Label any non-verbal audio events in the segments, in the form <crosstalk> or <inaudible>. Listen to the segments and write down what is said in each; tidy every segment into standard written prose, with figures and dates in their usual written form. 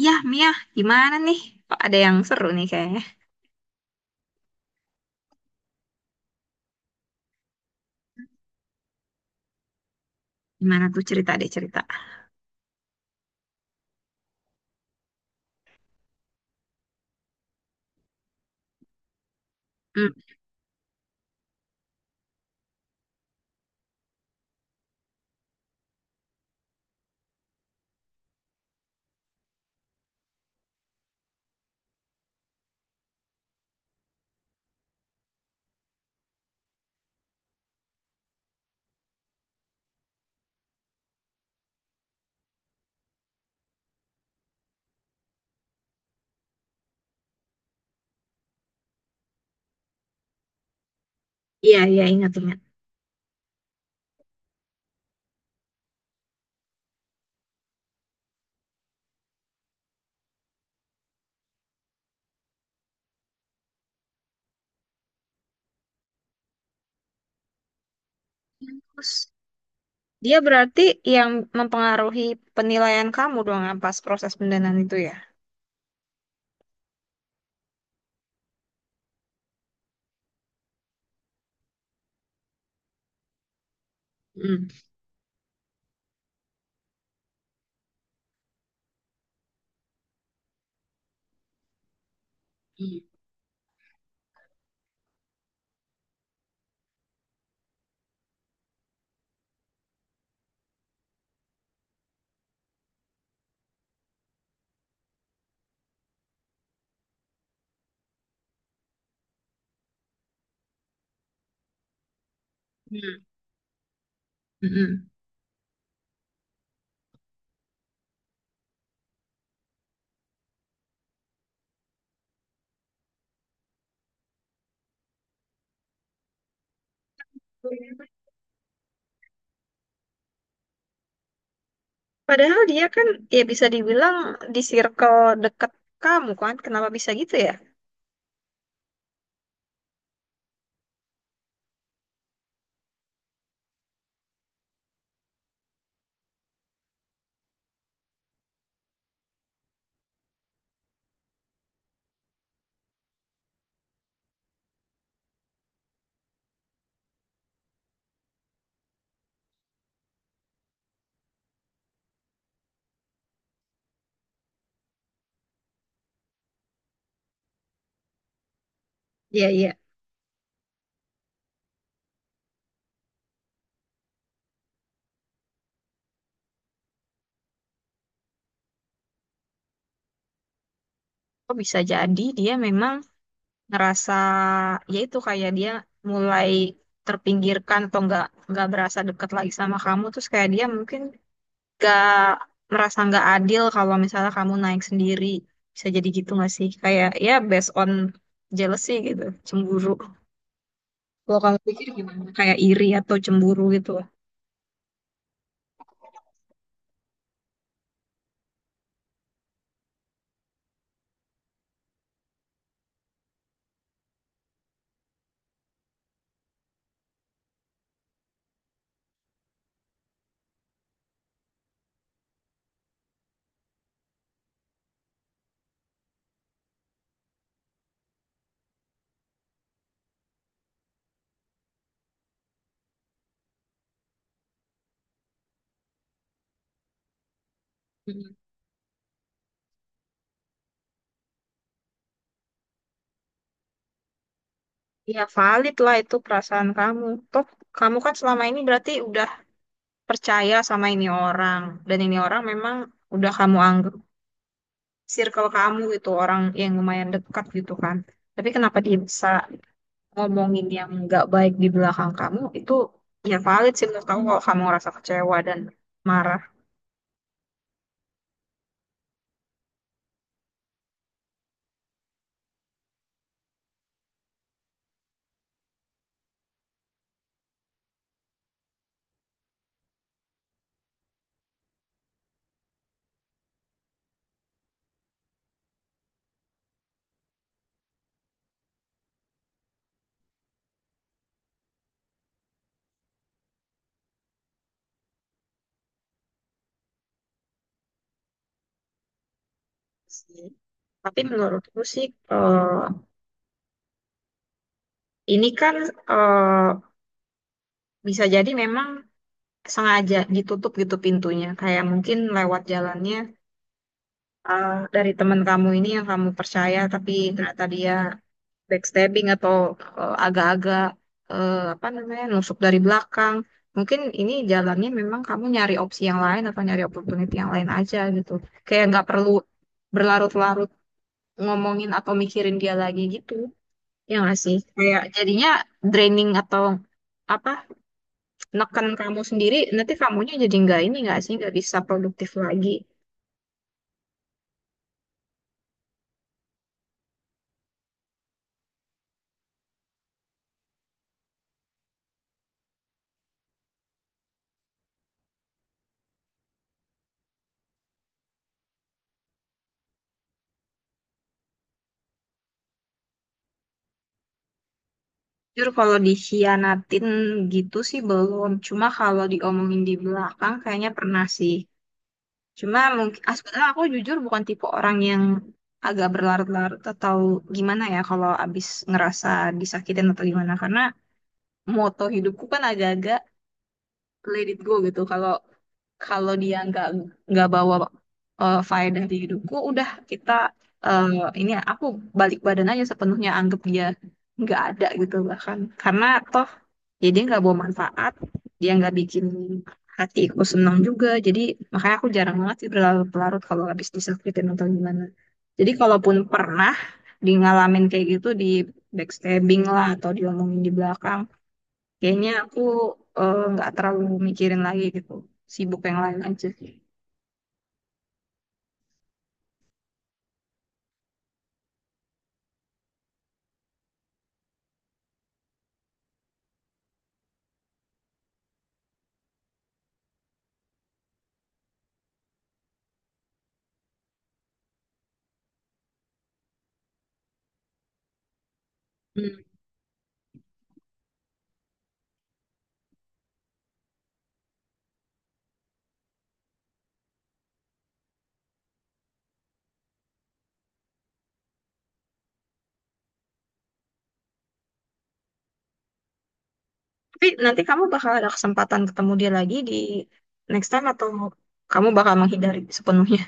Iya, Mia, gimana nih? Kok ada yang seru nih kayaknya. Gimana tuh cerita deh cerita. Hmm, iya, iya, ingat, ingat. Terus, dia berarti yang mempengaruhi penilaian kamu dong yang pas proses pendanaan itu ya? Hmm. Hmm. Hmm. Hmm. Padahal dia kan, ya bisa dibilang di circle deket kamu kan, kenapa bisa gitu ya? Iya, iya. Kok bisa jadi dia memang ngerasa, ya itu kayak dia mulai terpinggirkan atau nggak berasa deket lagi sama kamu, terus kayak dia mungkin nggak merasa nggak adil kalau misalnya kamu naik sendiri. Bisa jadi gitu nggak sih, kayak ya based on jealousy gitu, cemburu. Kalau kamu pikir gimana, kayak iri atau cemburu gitu. Mm. Ya valid lah itu perasaan kamu, toh kamu kan selama ini berarti udah percaya sama ini orang, dan ini orang memang udah kamu anggap circle kamu gitu, orang yang lumayan dekat gitu kan. Tapi kenapa dia bisa ngomongin yang nggak baik di belakang kamu itu, ya valid sih menurut kamu kalau kamu ngerasa kecewa dan marah. Sih, tapi menurutku sih, eh, ini kan, eh, bisa jadi memang sengaja ditutup gitu pintunya, kayak mungkin lewat jalannya, dari teman kamu ini yang kamu percaya tapi ternyata dia backstabbing atau, agak-agak, apa namanya, nusuk dari belakang. Mungkin ini jalannya memang kamu nyari opsi yang lain atau nyari opportunity yang lain aja gitu. Kayak nggak perlu berlarut-larut ngomongin atau mikirin dia lagi gitu. Ya nggak sih? Kayak jadinya draining atau apa, neken kamu sendiri, nanti kamunya jadi nggak ini, nggak sih, nggak bisa produktif lagi. Jujur kalau dikhianatin gitu sih belum. Cuma kalau diomongin di belakang kayaknya pernah sih. Cuma mungkin ah, sebenarnya aku jujur bukan tipe orang yang agak berlarut-larut atau gimana ya kalau abis ngerasa disakitin atau gimana, karena moto hidupku kan agak-agak let it go gitu. Kalau kalau dia nggak bawa, faedah di hidupku, udah kita, eh, ini aku balik badan aja sepenuhnya, anggap dia nggak ada gitu, bahkan karena toh ya dia nggak bawa manfaat, dia nggak bikin hatiku senang juga, jadi makanya aku jarang banget sih berlarut-larut kalau habis disakitin atau gimana. Jadi kalaupun pernah di ngalamin kayak gitu, di backstabbing lah atau diomongin di belakang, kayaknya aku nggak terlalu mikirin lagi gitu. Sibuk yang lain aja. Hmm. Tapi nanti kamu bakal ada kesempatan ketemu dia lagi di next time, atau kamu bakal menghindari sepenuhnya?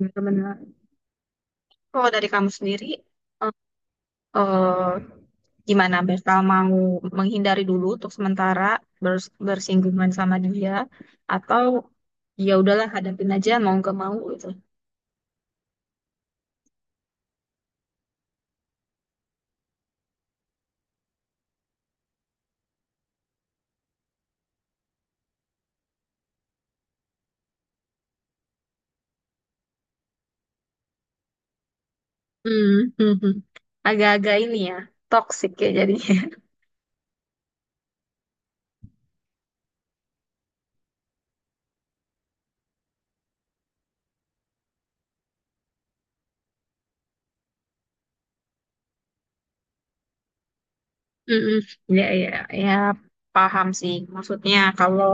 Benar-benar. Kalau dari kamu sendiri, eh, eh, gimana? Bakal mau menghindari dulu untuk sementara bersinggungan sama dia, atau ya udahlah hadapin aja mau nggak mau gitu. Hmm, hmm, hmm. Agak-agak ini ya, toxic ya jadi. Mm-mm. Ya, ya, ya, paham sih. Maksudnya kalau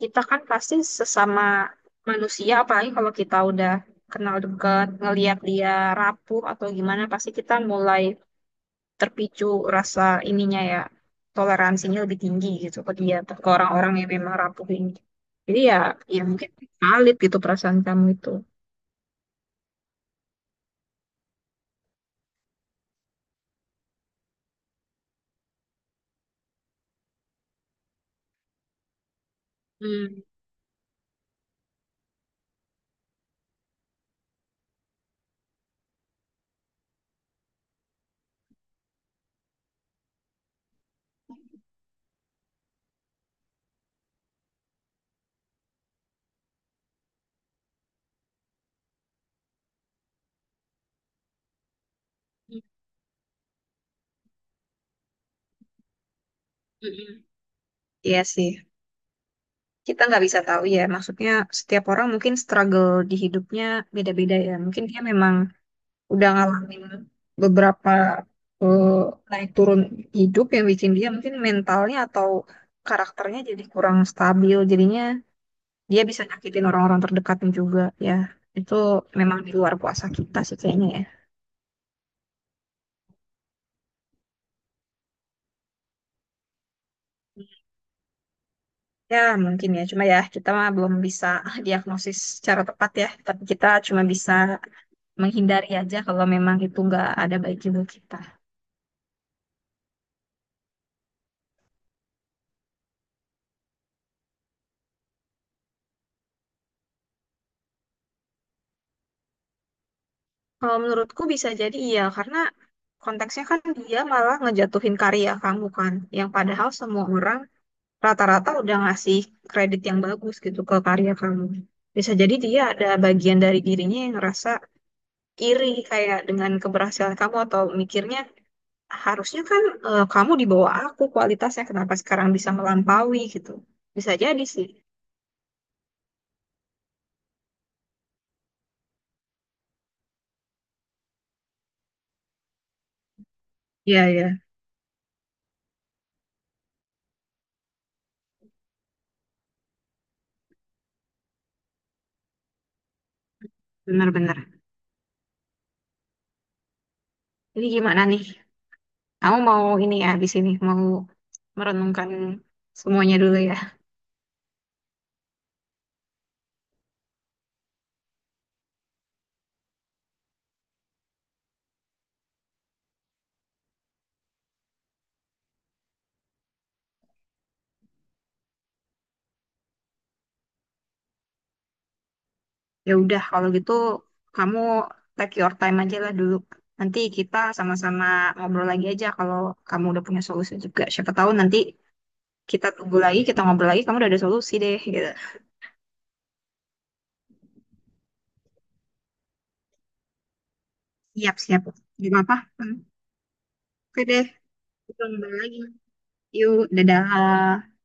kita kan pasti sesama manusia, apalagi kalau kita udah kenal dekat ngelihat dia rapuh atau gimana, pasti kita mulai terpicu rasa ininya ya, toleransinya lebih tinggi gitu ke dia, atau ke orang-orang yang memang rapuh ini. Jadi ya, ya mungkin valid gitu perasaan kamu itu. Hmm. Mm-mm. Iya sih. Kita nggak bisa tahu ya, maksudnya setiap orang mungkin struggle di hidupnya beda-beda ya, mungkin dia memang udah ngalamin beberapa, eh, naik turun hidup yang bikin dia mungkin mentalnya atau karakternya jadi kurang stabil, jadinya dia bisa nyakitin orang-orang terdekatnya juga. Ya itu memang di luar kuasa kita sih kayaknya ya. Ya mungkin ya, cuma ya kita mah belum bisa <laughs> diagnosis secara tepat ya, tapi kita cuma bisa menghindari aja kalau memang itu nggak ada baik juga kita. Kalau menurutku bisa jadi iya, karena konteksnya kan dia malah ngejatuhin karya kamu kan, yang padahal semua orang rata-rata udah ngasih kredit yang bagus gitu ke karya kamu. Bisa jadi dia ada bagian dari dirinya yang ngerasa iri, kayak dengan keberhasilan kamu, atau mikirnya harusnya kan, kamu di bawah aku kualitasnya, kenapa sekarang bisa melampaui gitu. Bisa jadi sih. Iya, iya. Benar-benar. Jadi gimana nih? Kamu mau ini ya, habis ini mau merenungkan semuanya dulu ya. Ya udah, kalau gitu kamu take your time aja lah dulu. Nanti kita sama-sama ngobrol lagi aja kalau kamu udah punya solusi juga. Siapa tahu nanti kita tunggu lagi, kita ngobrol lagi, kamu udah ada solusi deh gitu. Siap, siap. Gak apa-apa. Hmm. Oke deh, kita ngobrol lagi. Yuk, dadah.